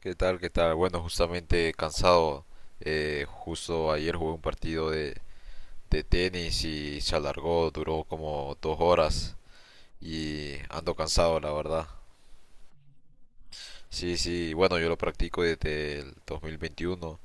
¿Qué tal? ¿Qué tal? Bueno, justamente cansado. Justo ayer jugué un partido de tenis y se alargó, duró como 2 horas y ando cansado, la verdad. Sí, sí, bueno, yo lo practico desde el 2021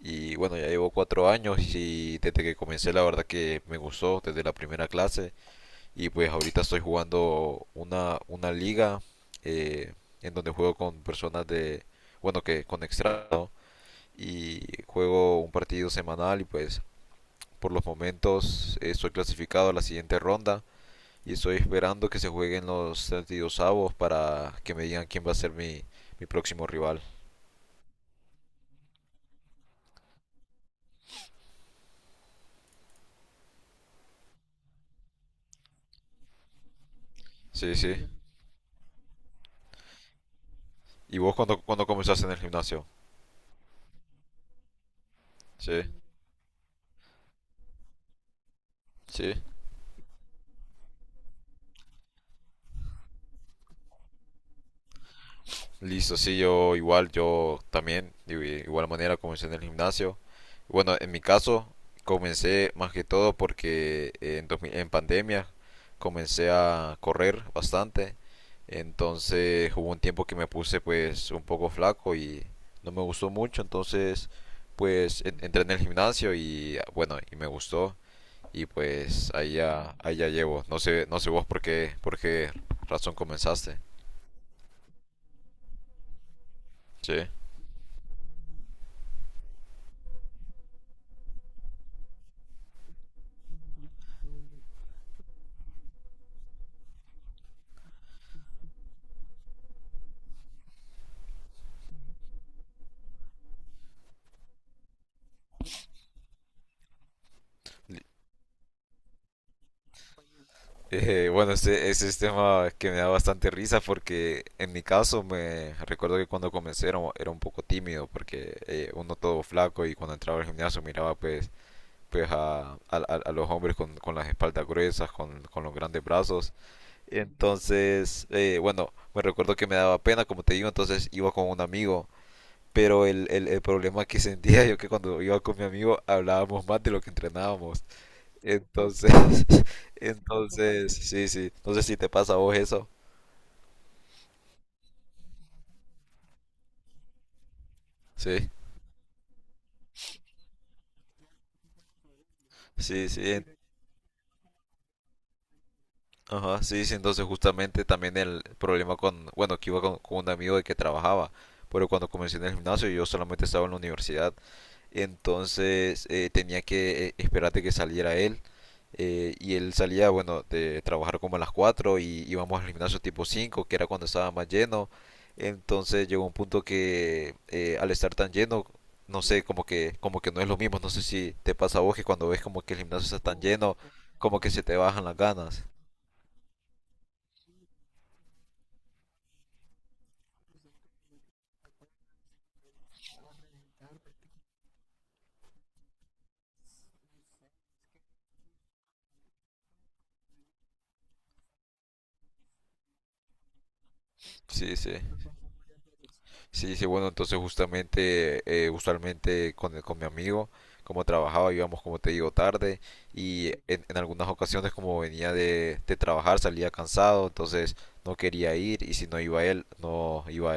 y bueno, ya llevo 4 años y desde que comencé la verdad que me gustó desde la primera clase. Y pues ahorita estoy jugando una liga, eh, en donde juego con personas de, bueno, que con extranjeros, y juego un partido semanal. Y pues por los momentos estoy clasificado a la siguiente ronda y estoy esperando que se jueguen los 32 avos para que me digan quién va a ser mi próximo rival. Sí, sí. ¿Y vos cuando comenzaste en el gimnasio? Sí, sí. Listo, sí, yo igual, yo también, de igual manera comencé en el gimnasio. Bueno, en mi caso, comencé más que todo porque 2000 en pandemia comencé a correr bastante. Entonces hubo un tiempo que me puse pues un poco flaco y no me gustó mucho. Entonces pues entré en el gimnasio y bueno, y me gustó. Y pues ahí ya llevo. No sé, no sé vos por qué razón comenzaste. Sí. Ese es tema que me da bastante risa porque en mi caso me recuerdo que cuando comencé era un poco tímido porque uno todo flaco, y cuando entraba al gimnasio miraba pues, pues a los hombres con las espaldas gruesas, con los grandes brazos. Entonces, bueno, me recuerdo que me daba pena, como te digo, entonces iba con un amigo. Pero el problema que sentía yo que cuando iba con mi amigo hablábamos más de lo que entrenábamos. Entonces, entonces, sí, sí. No sé si te pasa a vos eso. Sí, sí, sí. Ajá, sí, sí. Entonces, justamente también el problema con, bueno, que iba con un amigo de que trabajaba, pero cuando comencé en el gimnasio yo solamente estaba en la universidad. Entonces tenía que esperar de que saliera él. Y él salía, bueno, de trabajar como a las 4 y íbamos al gimnasio tipo cinco, que era cuando estaba más lleno. Entonces llegó un punto que al estar tan lleno, no sé, como que no es lo mismo. No sé si te pasa a vos que cuando ves como que el gimnasio está tan lleno, como que se te bajan las ganas. Sí, sí. Sí, sí, bueno, entonces justamente, usualmente con, con mi amigo, como trabajaba, íbamos, como te digo, tarde, y en algunas ocasiones como venía de trabajar salía cansado, entonces no quería ir, y si no iba él,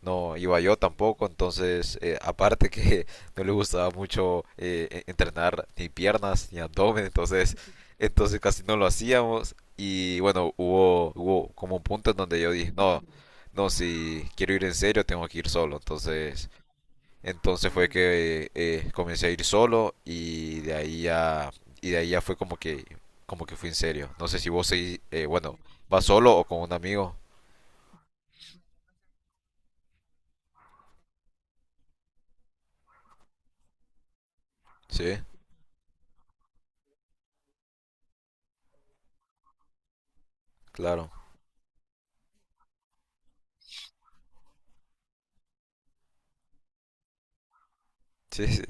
no iba yo tampoco. Entonces aparte que no le gustaba mucho entrenar ni piernas ni abdomen, entonces, entonces casi no lo hacíamos. Y bueno, hubo como un punto en donde yo dije, no, no, si quiero ir en serio tengo que ir solo, entonces, entonces fue que comencé a ir solo. Y de ahí ya, y de ahí ya fue como como que fui en serio. No sé si vos seguís, bueno, vas solo o con un amigo, sí, claro, sí, sí.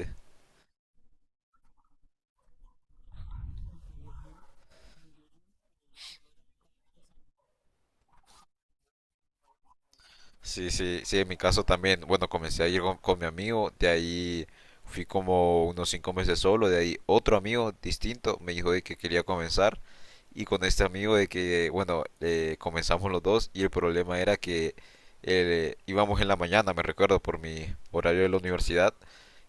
Sí, sí, sí, en mi caso también. Bueno, comencé a ir con mi amigo, de ahí fui como unos 5 meses solo, de ahí otro amigo distinto me dijo de que quería comenzar, y con este amigo de que, bueno, comenzamos los dos. Y el problema era que íbamos en la mañana, me recuerdo, por mi horario de la universidad,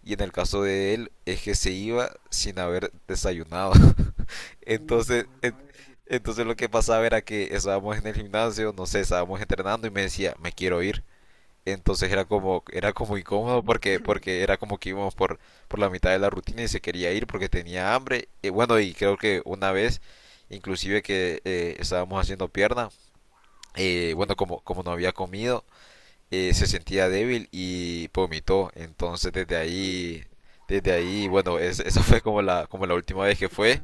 y en el caso de él es que se iba sin haber desayunado. Entonces, entonces lo que pasaba era que estábamos en el gimnasio, no sé, estábamos entrenando y me decía, me quiero ir. Entonces era como incómodo porque, porque era como que íbamos por la mitad de la rutina y se quería ir porque tenía hambre. Y bueno, y creo que una vez, inclusive, que estábamos haciendo pierna, bueno, como no había comido, se sentía débil y vomitó. Entonces desde ahí, bueno, esa fue como la última vez que fue.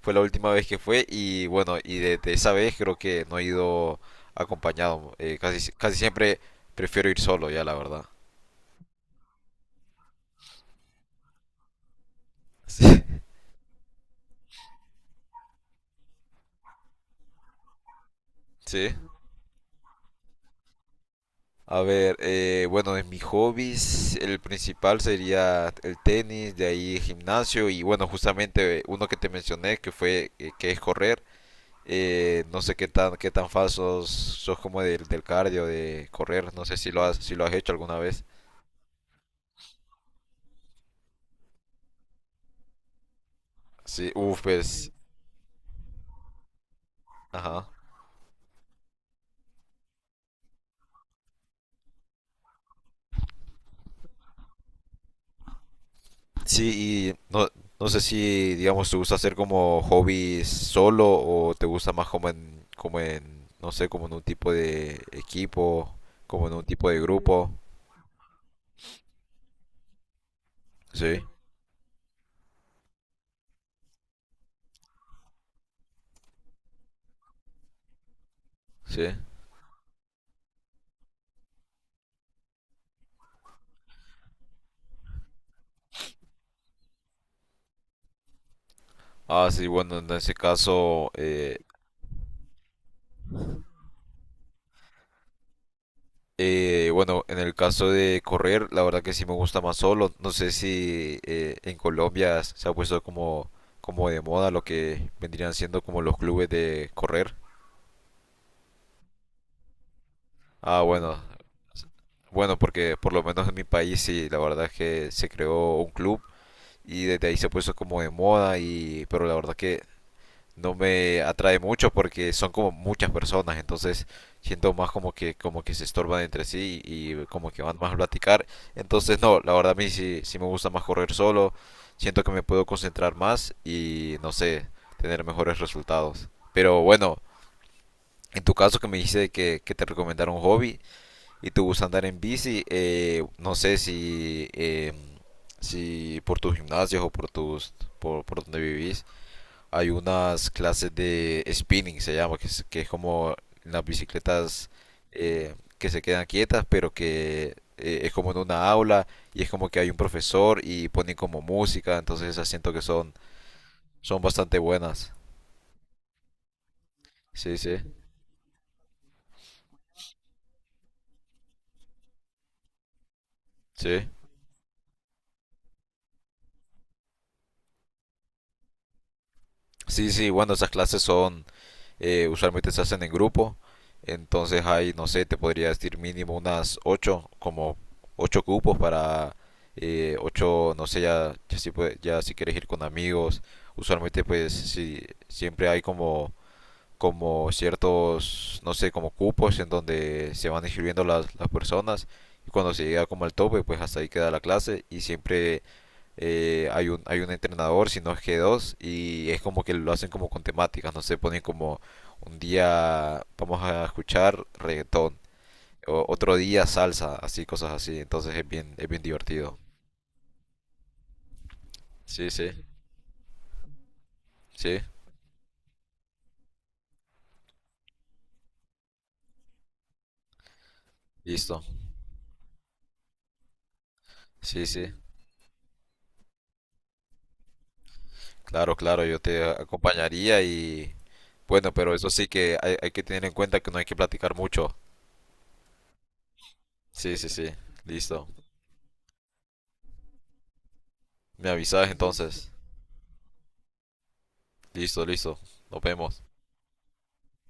Fue la última vez que fue, y bueno, y desde esa vez creo que no he ido acompañado. Casi, casi siempre prefiero ir solo ya, la verdad. Sí. Sí. A ver, bueno, de mis hobbies el principal sería el tenis, de ahí gimnasio, y bueno, justamente uno que te mencioné que fue que es correr. No sé qué tan falsos sos como del cardio de correr. No sé si lo has si lo has hecho alguna vez. Sí, uff, pues, ajá. Sí, y no, no sé si, digamos, te gusta hacer como hobbies solo, o te gusta más no sé, como en un tipo de equipo, como en un tipo de grupo. Sí, sí. Ah, sí, bueno, en ese caso, bueno, en el caso de correr, la verdad que sí me gusta más solo. No sé si en Colombia se ha puesto como, como de moda lo que vendrían siendo como los clubes de correr. Ah, bueno. Bueno, porque por lo menos en mi país sí, la verdad es que se creó un club y desde ahí se puso como de moda, y pero la verdad que no me atrae mucho porque son como muchas personas. Entonces siento más como que se estorban entre sí y como que van más a platicar. Entonces no, la verdad a mí sí, sí me gusta más correr solo, siento que me puedo concentrar más y no sé, tener mejores resultados. Pero bueno, en tu caso que me dijiste que te recomendaron un hobby, y te gusta andar en bici, no sé si, si por tus gimnasios por donde vivís, hay unas clases de spinning, se llama, que es como las bicicletas que se quedan quietas, pero que es como en una aula, y es como que hay un profesor y ponen como música. Entonces esas siento que son, son bastante buenas. Sí, sí, sí. Sí, sí, bueno, esas clases son, usualmente se hacen en grupo. Entonces hay, no sé, te podría decir mínimo unas 8 como 8 cupos para 8, no sé, ya, ya, si ya si quieres ir con amigos. Usualmente pues si siempre hay como como ciertos, no sé, como cupos en donde se van inscribiendo las personas, y cuando se llega como al tope, pues hasta ahí queda la clase. Y siempre hay un entrenador, si no es que dos, y es como que lo hacen como con temáticas, no sé, ponen como un día vamos a escuchar reggaetón, o otro día salsa, así, cosas así. Entonces es bien divertido. Sí, sí, sí, listo. Sí, sí, claro, claro, yo te acompañaría. Y bueno, pero eso sí que hay que tener en cuenta que no hay que platicar mucho. Sí, sí, sí. Listo. Me avisas entonces. Listo, listo. Nos vemos.